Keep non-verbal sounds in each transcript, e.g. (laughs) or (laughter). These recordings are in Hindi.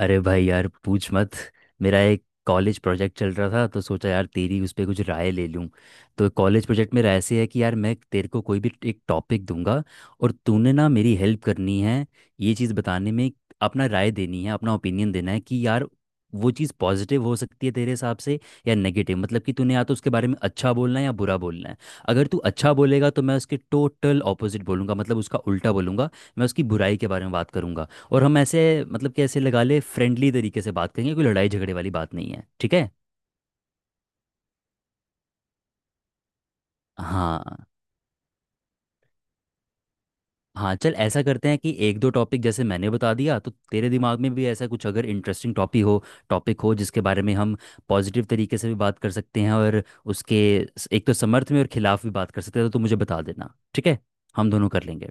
अरे भाई यार, पूछ मत। मेरा एक कॉलेज प्रोजेक्ट चल रहा था तो सोचा यार तेरी उस पे कुछ राय ले लूँ। तो कॉलेज प्रोजेक्ट में ऐसे है कि यार, मैं तेरे को कोई भी एक टॉपिक दूंगा और तूने ना मेरी हेल्प करनी है ये चीज़ बताने में। अपना राय देनी है, अपना ओपिनियन देना है कि यार वो चीज़ पॉजिटिव हो सकती है तेरे हिसाब से या नेगेटिव। मतलब कि तूने या तो उसके बारे में अच्छा बोलना है या बुरा बोलना है। अगर तू अच्छा बोलेगा तो मैं उसके टोटल ऑपोजिट बोलूंगा, मतलब उसका उल्टा बोलूंगा। मैं उसकी बुराई के बारे में बात करूंगा। और हम ऐसे, मतलब कि ऐसे लगा ले, फ्रेंडली तरीके से बात करेंगे। कोई लड़ाई झगड़े वाली बात नहीं है, ठीक है? हाँ। हाँ, चल ऐसा करते हैं कि एक दो टॉपिक जैसे मैंने बता दिया, तो तेरे दिमाग में भी ऐसा कुछ अगर इंटरेस्टिंग टॉपिक हो, टॉपिक हो जिसके बारे में हम पॉजिटिव तरीके से भी बात कर सकते हैं और उसके एक तो समर्थ में और खिलाफ भी बात कर सकते हैं, तो तू मुझे बता देना, ठीक है? हम दोनों कर लेंगे।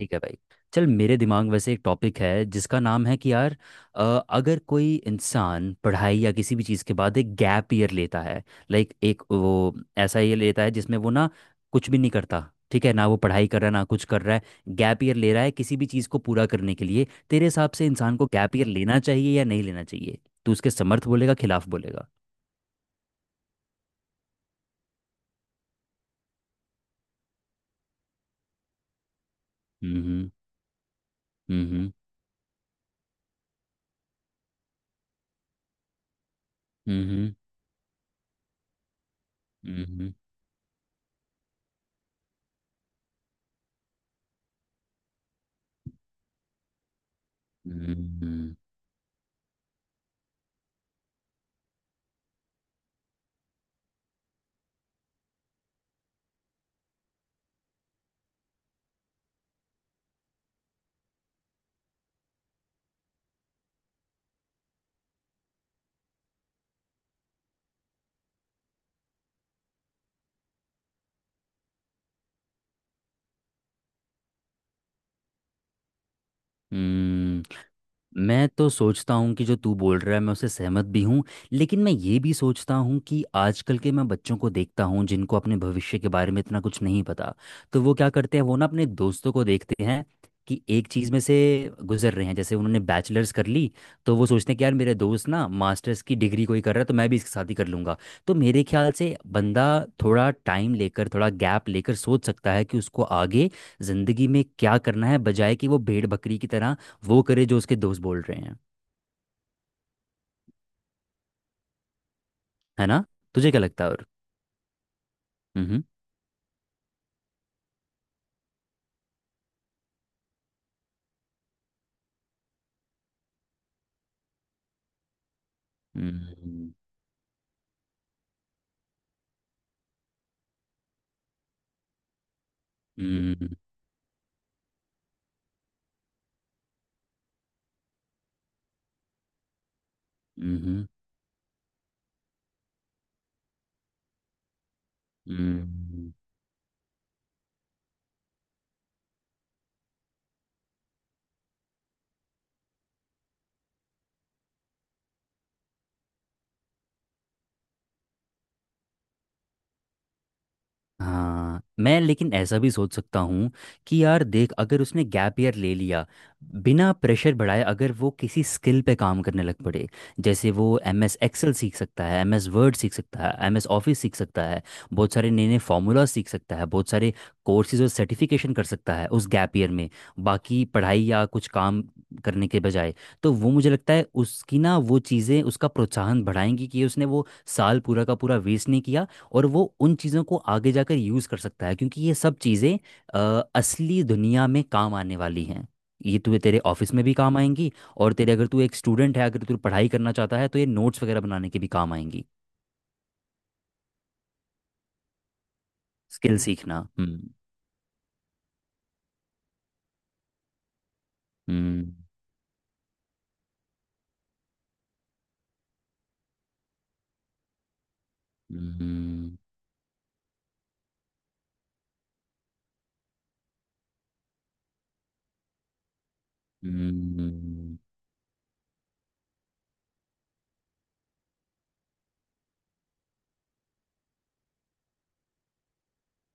ठीक है भाई। चल मेरे दिमाग में वैसे एक टॉपिक है जिसका नाम है कि यार, अ, अगर कोई इंसान पढ़ाई या किसी भी चीज़ के बाद एक गैप ईयर लेता है, लाइक एक वो ऐसा ये लेता है जिसमें वो ना कुछ भी नहीं करता। ठीक है? ना वो पढ़ाई कर रहा है, ना कुछ कर रहा है, गैप ईयर ले रहा है किसी भी चीज़ को पूरा करने के लिए। तेरे हिसाब से इंसान को गैप ईयर लेना चाहिए या नहीं लेना चाहिए? तू उसके समर्थ बोलेगा खिलाफ बोलेगा। हम्म। हम्म। हम्म। हम्म। हम्म। हम्म। हम्म। हम्म, हम्म। मैं तो सोचता हूँ कि जो तू बोल रहा है मैं उससे सहमत भी हूँ। लेकिन मैं ये भी सोचता हूँ कि आजकल के, मैं बच्चों को देखता हूँ जिनको अपने भविष्य के बारे में इतना कुछ नहीं पता। तो वो क्या करते हैं, वो ना अपने दोस्तों को देखते हैं कि एक चीज़ में से गुजर रहे हैं। जैसे उन्होंने बैचलर्स कर ली तो वो सोचते हैं कि यार मेरे दोस्त ना मास्टर्स की डिग्री कोई कर रहा है, तो मैं भी इसके साथ ही कर लूँगा। तो मेरे ख्याल से बंदा थोड़ा टाइम लेकर, थोड़ा गैप लेकर सोच सकता है कि उसको आगे ज़िंदगी में क्या करना है, बजाय कि वो भेड़ बकरी की तरह वो करे जो उसके दोस्त बोल रहे हैं। है ना? तुझे क्या लगता है और? हम्म। हम्म। हम्म। हम्म। हम्म, हम्म, हम्म। हाँ, मैं लेकिन ऐसा भी सोच सकता हूँ कि यार देख अगर उसने गैप ईयर ले लिया, बिना प्रेशर बढ़ाए अगर वो किसी स्किल पे काम करने लग पड़े, जैसे वो एम एस एक्सेल सीख सकता है, एम एस वर्ड सीख सकता है, एम एस ऑफिस सीख सकता है, बहुत सारे नए नए फार्मूला सीख सकता है, बहुत सारे कोर्सेज और सर्टिफिकेशन कर सकता है उस गैप ईयर में, बाकी पढ़ाई या कुछ काम करने के बजाय। तो वो मुझे लगता है उसकी ना, वो चीज़ें उसका प्रोत्साहन बढ़ाएंगी कि उसने वो साल पूरा का पूरा वेस्ट नहीं किया। और वो उन चीज़ों को आगे जाकर यूज़ कर सकता है, क्योंकि ये सब चीज़ें असली दुनिया में काम आने वाली हैं। ये तुझे तेरे ऑफिस में भी काम आएंगी। और तेरे, अगर तू एक स्टूडेंट है, अगर तू पढ़ाई करना चाहता है तो ये नोट्स वगैरह बनाने के भी काम आएंगी। स्किल सीखना। हम्म। हम्म। हम्म। हम्म।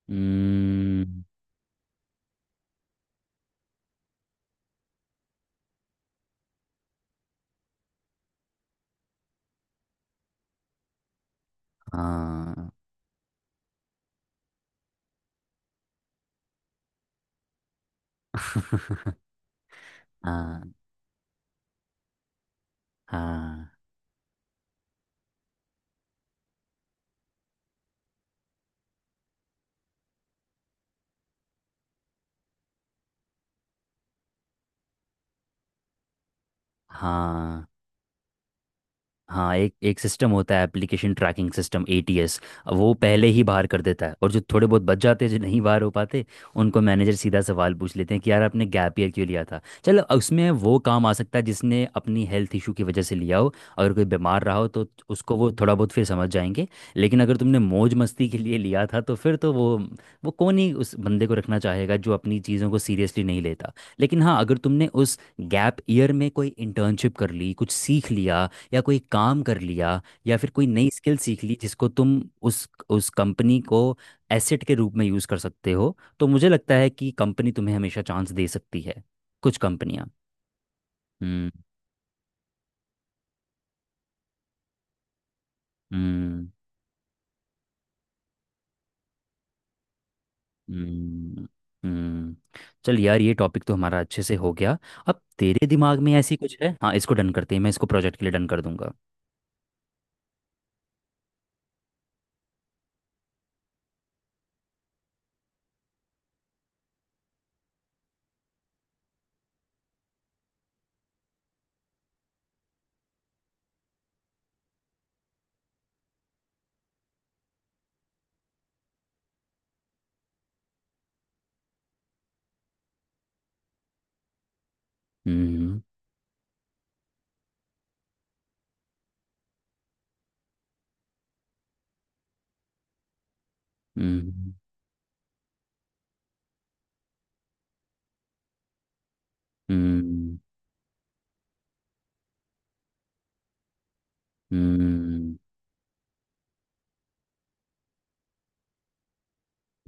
हम्म, हाँ। (laughs) हाँ। हाँ। हाँ। हाँ, एक एक सिस्टम होता है, एप्लीकेशन ट्रैकिंग सिस्टम, एटीएस। वो पहले ही बाहर कर देता है। और जो थोड़े बहुत बच जाते हैं, जो नहीं बाहर हो पाते, उनको मैनेजर सीधा सवाल पूछ लेते हैं कि यार आपने गैप ईयर क्यों लिया था। चलो, उसमें वो काम आ सकता है जिसने अपनी हेल्थ इशू की वजह से लिया हो। अगर कोई बीमार रहा हो तो उसको वो थोड़ा बहुत फिर समझ जाएंगे। लेकिन अगर तुमने मौज मस्ती के लिए लिया था तो फिर तो वो कौन ही उस बंदे को रखना चाहेगा जो अपनी चीज़ों को सीरियसली नहीं लेता। लेकिन हाँ, अगर तुमने उस गैप ईयर में कोई इंटर्नशिप कर ली, कुछ सीख लिया, या कोई काम कर लिया, या फिर कोई नई स्किल सीख ली जिसको तुम उस कंपनी को एसेट के रूप में यूज़ कर सकते हो, तो मुझे लगता है कि कंपनी तुम्हें हमेशा चांस दे सकती है, कुछ कंपनियां। हम्म। हम्म। हम्म। हम्म। चल यार, ये टॉपिक तो हमारा अच्छे से हो गया। अब तेरे दिमाग में ऐसी कुछ है? हाँ, इसको डन करते हैं। मैं इसको प्रोजेक्ट के लिए डन कर दूंगा। हम्म। हम्म। हम्म। हम्म।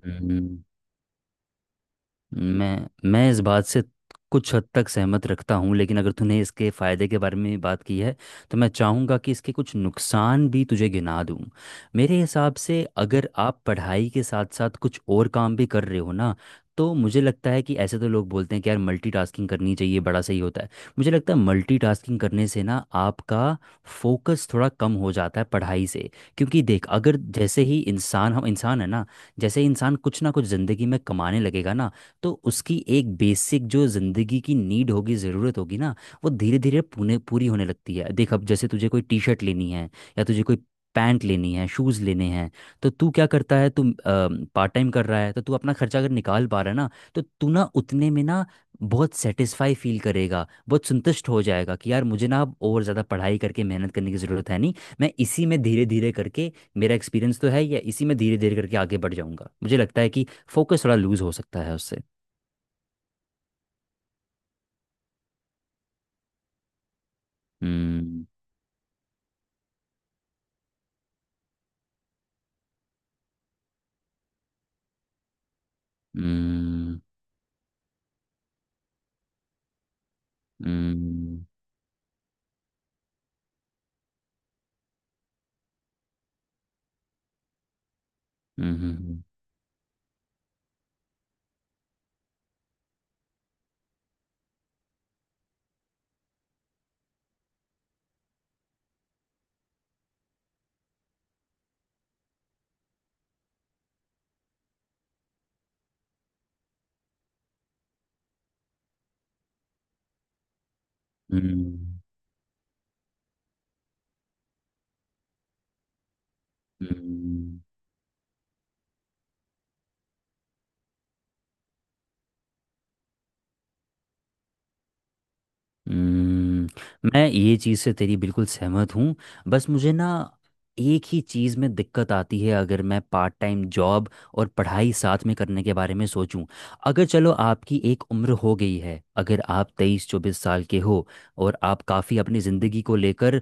हम्म। मैं इस बात से कुछ हद तक सहमत रखता हूँ, लेकिन अगर तूने इसके फ़ायदे के बारे में बात की है तो मैं चाहूँगा कि इसके कुछ नुकसान भी तुझे गिना दूँ। मेरे हिसाब से अगर आप पढ़ाई के साथ साथ कुछ और काम भी कर रहे हो ना, तो मुझे लगता है कि ऐसे तो लोग बोलते हैं कि यार मल्टीटास्किंग करनी चाहिए, बड़ा सही होता है। मुझे लगता है मल्टीटास्किंग करने से ना आपका फोकस थोड़ा कम हो जाता है पढ़ाई से। क्योंकि देख, अगर जैसे ही इंसान, हम इंसान है ना, जैसे ही इंसान कुछ ना कुछ ज़िंदगी में कमाने लगेगा ना, तो उसकी एक बेसिक जो ज़िंदगी की नीड होगी, ज़रूरत होगी ना, वो धीरे धीरे पूरे पूरी होने लगती है। देख अब, जैसे तुझे कोई टी शर्ट लेनी है, या तुझे कोई पैंट लेनी है, शूज़ लेने हैं, तो तू क्या करता है, तू पार्ट टाइम कर रहा है तो तू अपना खर्चा अगर निकाल पा रहा है ना, तो तू ना उतने में ना बहुत सेटिस्फाई फील करेगा, बहुत संतुष्ट हो जाएगा कि यार, मुझे ना अब और ज़्यादा पढ़ाई करके मेहनत करने की ज़रूरत है नहीं। मैं इसी में धीरे धीरे करके, मेरा एक्सपीरियंस तो है, या इसी में धीरे धीरे करके आगे बढ़ जाऊंगा। मुझे लगता है कि फोकस थोड़ा लूज हो सकता है उससे। 嗯嗯嗯嗯嗯嗯嗯嗯。हम्म, मैं ये चीज़ से तेरी बिल्कुल सहमत हूँ। बस मुझे ना एक ही चीज़ में दिक्कत आती है, अगर मैं पार्ट टाइम जॉब और पढ़ाई साथ में करने के बारे में सोचूं। अगर चलो आपकी एक उम्र हो गई है, अगर आप 23-24 साल के हो, और आप काफ़ी अपनी ज़िंदगी को लेकर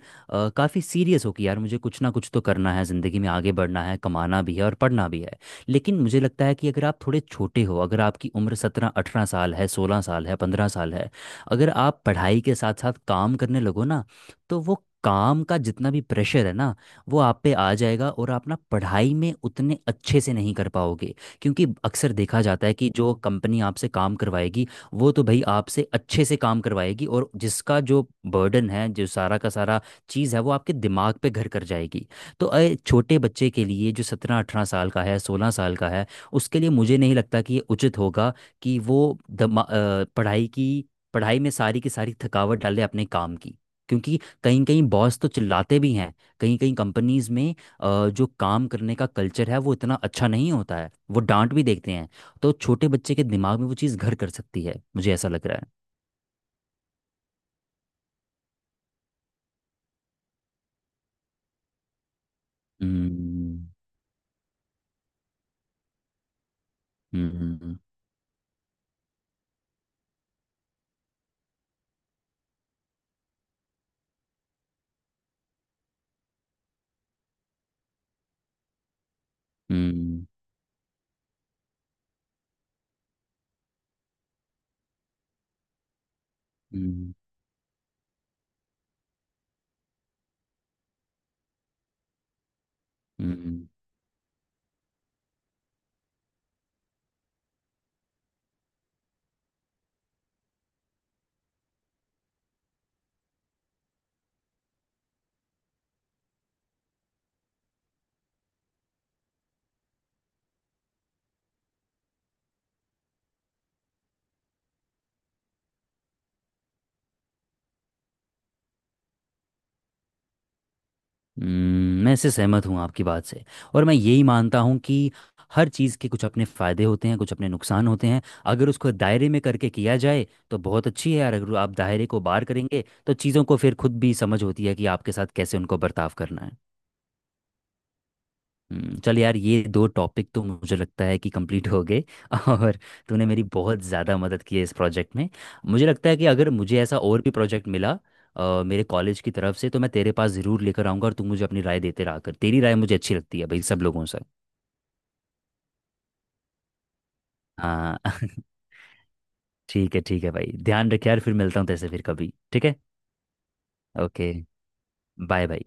काफ़ी सीरियस हो कि यार मुझे कुछ ना कुछ तो करना है, ज़िंदगी में आगे बढ़ना है, कमाना भी है और पढ़ना भी है। लेकिन मुझे लगता है कि अगर आप थोड़े छोटे हो, अगर आपकी उम्र 17-18 साल है, 16 साल है, 15 साल है, अगर आप पढ़ाई के साथ साथ काम करने लगो ना, तो वो काम का जितना भी प्रेशर है ना, वो आप पे आ जाएगा और आप ना पढ़ाई में उतने अच्छे से नहीं कर पाओगे। क्योंकि अक्सर देखा जाता है कि जो कंपनी आपसे काम करवाएगी, वो तो भाई आपसे अच्छे से काम करवाएगी, और जिसका जो बर्डन है, जो सारा का सारा चीज़ है, वो आपके दिमाग पे घर कर जाएगी। तो छोटे बच्चे के लिए जो 17-18 साल का है, 16 साल का है, उसके लिए मुझे नहीं लगता कि ये उचित होगा कि वो पढ़ाई की, पढ़ाई में सारी की सारी थकावट डाले अपने काम की। क्योंकि कहीं कहीं बॉस तो चिल्लाते भी हैं, कहीं कहीं कंपनीज में जो काम करने का कल्चर है वो इतना अच्छा नहीं होता है, वो डांट भी देखते हैं। तो छोटे बच्चे के दिमाग में वो चीज़ घर कर सकती है, मुझे ऐसा लग रहा है। हम्म। हम्म। हम्म। हम्म। हम्म, हम्म, मैं इससे सहमत हूँ आपकी बात से। और मैं यही मानता हूँ कि हर चीज़ के कुछ अपने फ़ायदे होते हैं, कुछ अपने नुकसान होते हैं। अगर उसको दायरे में करके किया जाए तो बहुत अच्छी है यार। अगर आप दायरे को बार करेंगे तो चीज़ों को फिर खुद भी समझ होती है कि आपके साथ कैसे उनको बर्ताव करना है। चल यार, ये दो टॉपिक तो मुझे लगता है कि कंप्लीट हो गए। (laughs) और तूने मेरी बहुत ज़्यादा मदद की है इस प्रोजेक्ट में। मुझे लगता है कि अगर मुझे ऐसा और भी प्रोजेक्ट मिला मेरे कॉलेज की तरफ से, तो मैं तेरे पास ज़रूर लेकर आऊँगा। और तू मुझे अपनी राय देते रहा कर, तेरी राय मुझे अच्छी लगती है भाई, सब लोगों से। हाँ। (laughs) ठीक है, ठीक है भाई, ध्यान रख यार, फिर मिलता हूँ तैसे फिर कभी, ठीक है? ओके। Bye bye.